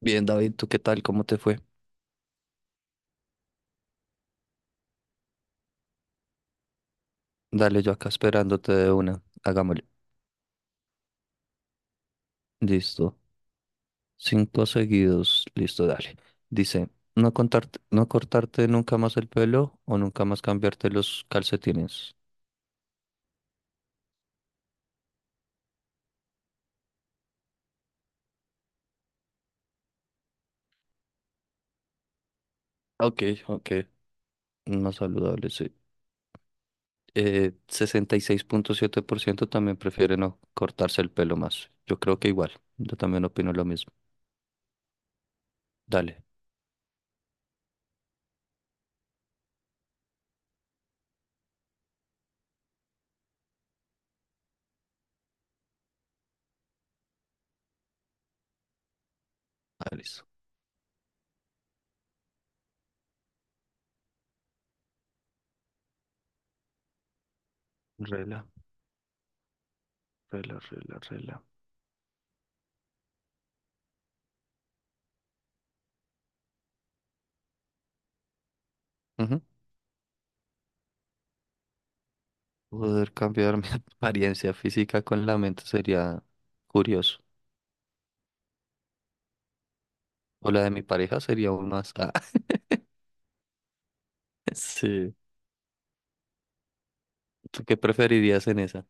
Bien, David, ¿tú qué tal? ¿Cómo te fue? Dale, yo acá esperándote de una. Hagámosle. Listo. Cinco seguidos. Listo, dale. Dice, no cortarte nunca más el pelo o nunca más cambiarte los calcetines. Ok, ok. Más saludable, sí. 66,7 % también prefiere no cortarse el pelo más. Yo creo que igual. Yo también opino lo mismo. Dale. Ah, listo. Rela, rela, rela, rela. Poder cambiar mi apariencia física con la mente sería curioso. O la de mi pareja sería aún más. Ah, sí. ¿Tú qué preferirías en esa?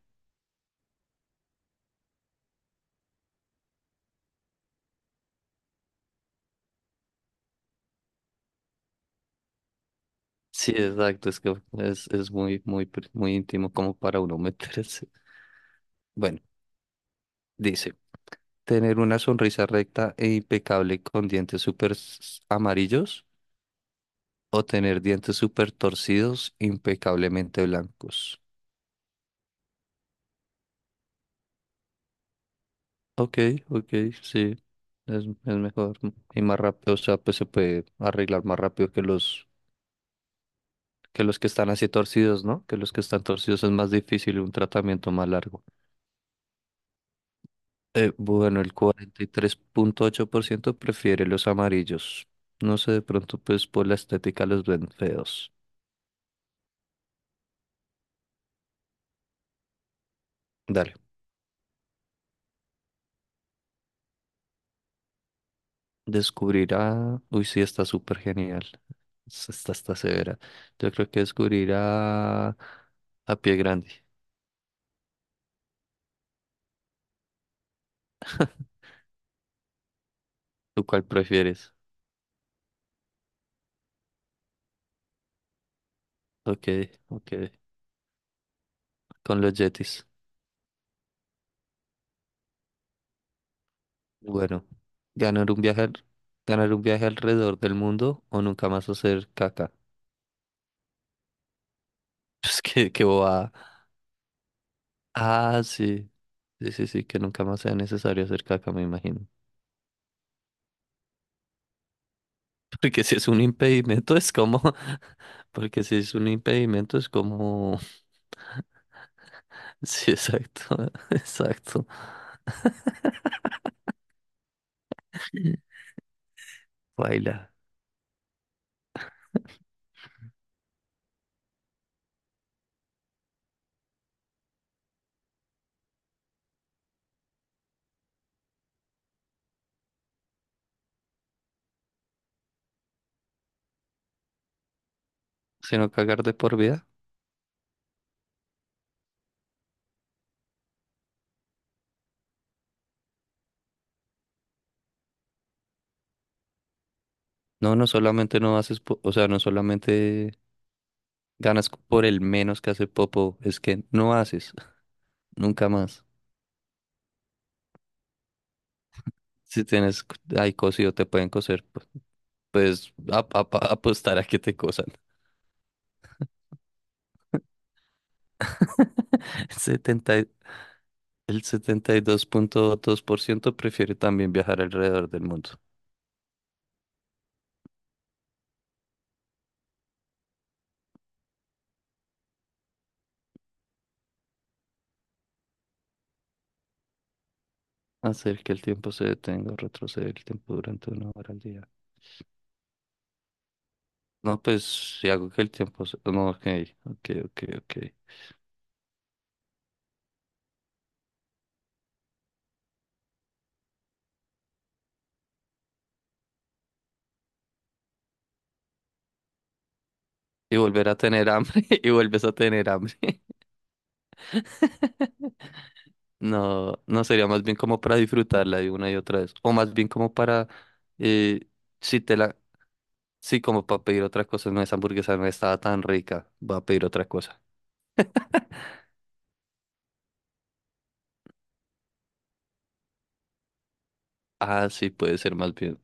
Sí, exacto. Es que es muy, muy, muy íntimo como para uno meterse. Bueno, dice, tener una sonrisa recta e impecable con dientes súper amarillos o tener dientes súper torcidos, impecablemente blancos. Ok, ok, sí, es mejor y más rápido, o sea, pues se puede arreglar más rápido que los que están así torcidos, ¿no? Que los que están torcidos es más difícil y un tratamiento más largo. Bueno, el 43,8 % prefiere los amarillos. No sé, de pronto pues por la estética los ven feos. Dale, descubrirá, uy, sí, está súper genial. Esta está severa. Yo creo que descubrirá a Pie Grande. ¿Tú cuál prefieres? Ok, ok, con los Yetis. Bueno, ganar un viaje, al- ganar un viaje alrededor del mundo o nunca más hacer caca. Es que bobada. Ah, sí. Sí, sí, sí, que nunca más sea necesario hacer caca, me imagino. Porque si es un impedimento, es como. Porque si es un impedimento, es como. Sí, exacto, exacto. Baila. Sino cagar de por vida. No, no solamente no haces, o sea, no solamente ganas por el menos que hace Popo, es que no haces, nunca más. Si tienes ahí cosido, te pueden coser, pues, apostar a que te cosan. El 70 y- el 72,2 % prefiere también viajar alrededor del mundo. Hacer que el tiempo se detenga, o retroceder el tiempo durante una hora al día. No, pues si hago que el tiempo se. No, ok, ok, ok, ok. Y volver a tener hambre, y vuelves a tener hambre. No, no sería más bien como para disfrutarla de una y otra vez. O más bien como para, eh, si te la, sí, como para pedir otra cosa. No, esa hamburguesa no estaba tan rica. Voy a pedir otra cosa. Ah, sí, puede ser más bien.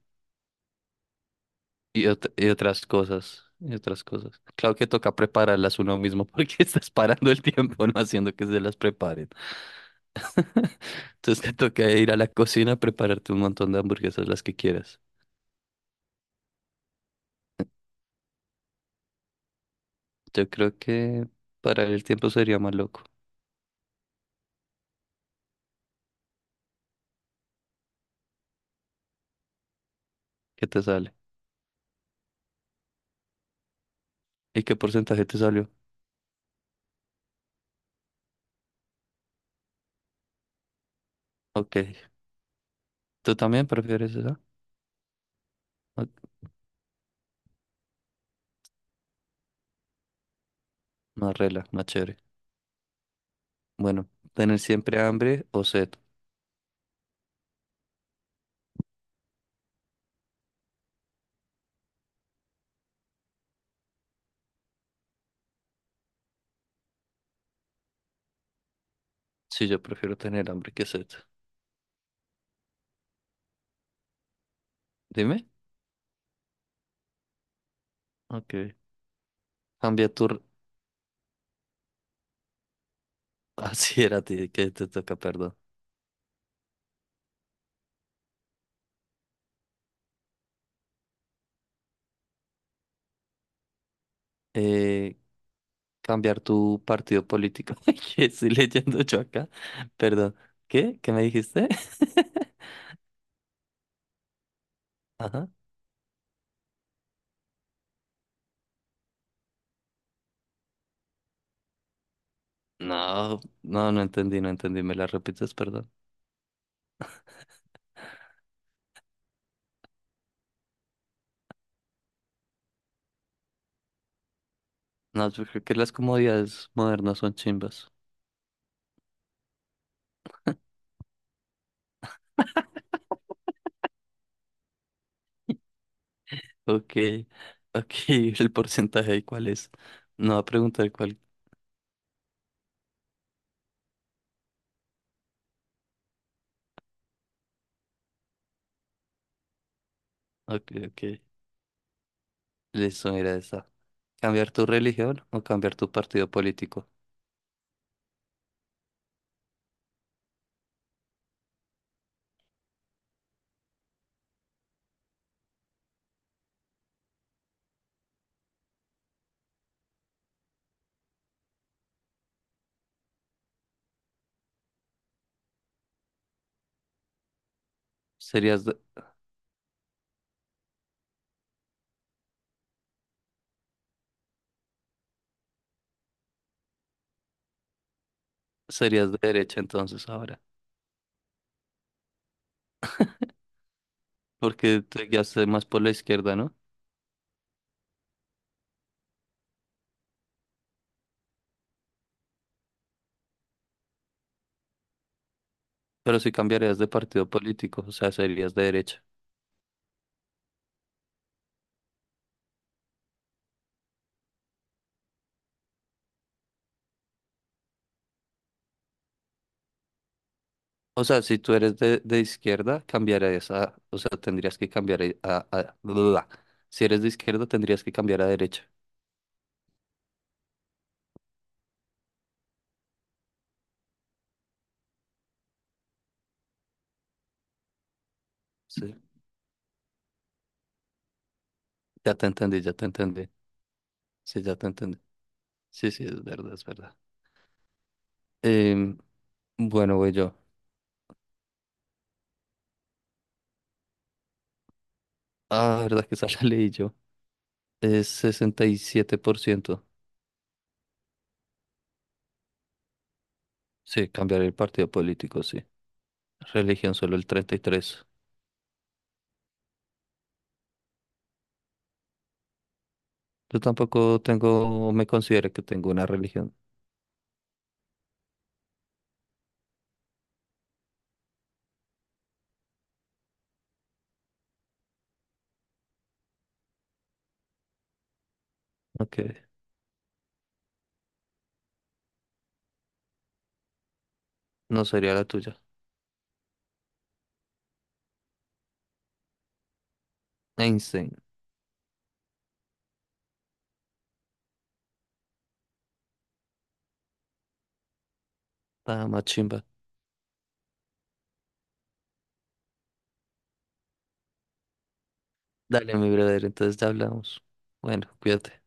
Y otras cosas, y otras cosas. Claro que toca prepararlas uno mismo porque estás parando el tiempo, no haciendo que se las preparen. Entonces te toca ir a la cocina a prepararte un montón de hamburguesas, las que quieras. Yo creo que parar el tiempo sería más loco. ¿Qué te sale? ¿Y qué porcentaje te salió? Ok. ¿Tú también prefieres esa? Ah, más rela, más chévere. Bueno, ¿tener siempre hambre o sed? Sí, yo prefiero tener hambre que sed. Dime. Ok. Cambia tu... r- Así era a ti que te toca, perdón. Eh, cambiar tu partido político. Ay, ¿qué estoy leyendo yo acá? Perdón. ¿Qué? ¿Qué me dijiste? Ajá. No, no, no entendí, no entendí. ¿Me las repites, perdón? No, yo creo que las comodidades modernas son chimbas. Ok, ok, el porcentaje, de ¿cuál es? No va a preguntar cuál. Ok, ok, listo, mira esa. ¿Cambiar tu religión o cambiar tu partido político? Serías de, serías de derecha entonces ahora, porque te guiaste más por la izquierda, ¿no? Pero si cambiarías de partido político, o sea, serías de derecha. O sea, si tú eres de izquierda, cambiarías a, o sea, tendrías que cambiar. Si eres de izquierda, tendrías que cambiar a derecha. Sí, ya te entendí, ya te entendí. Sí, ya te entendí. Sí, sí, es verdad, es verdad. Em, bueno, voy yo. Ah, verdad que esa la leí yo. Es 67%. Sí, cambiar el partido político, sí. Religión solo el 33%. Yo tampoco tengo, me considero que tengo una religión. Aunque no sería la tuya. Einstein, nada más chimba. Dale, mi brother, entonces ya hablamos. Bueno, cuídate.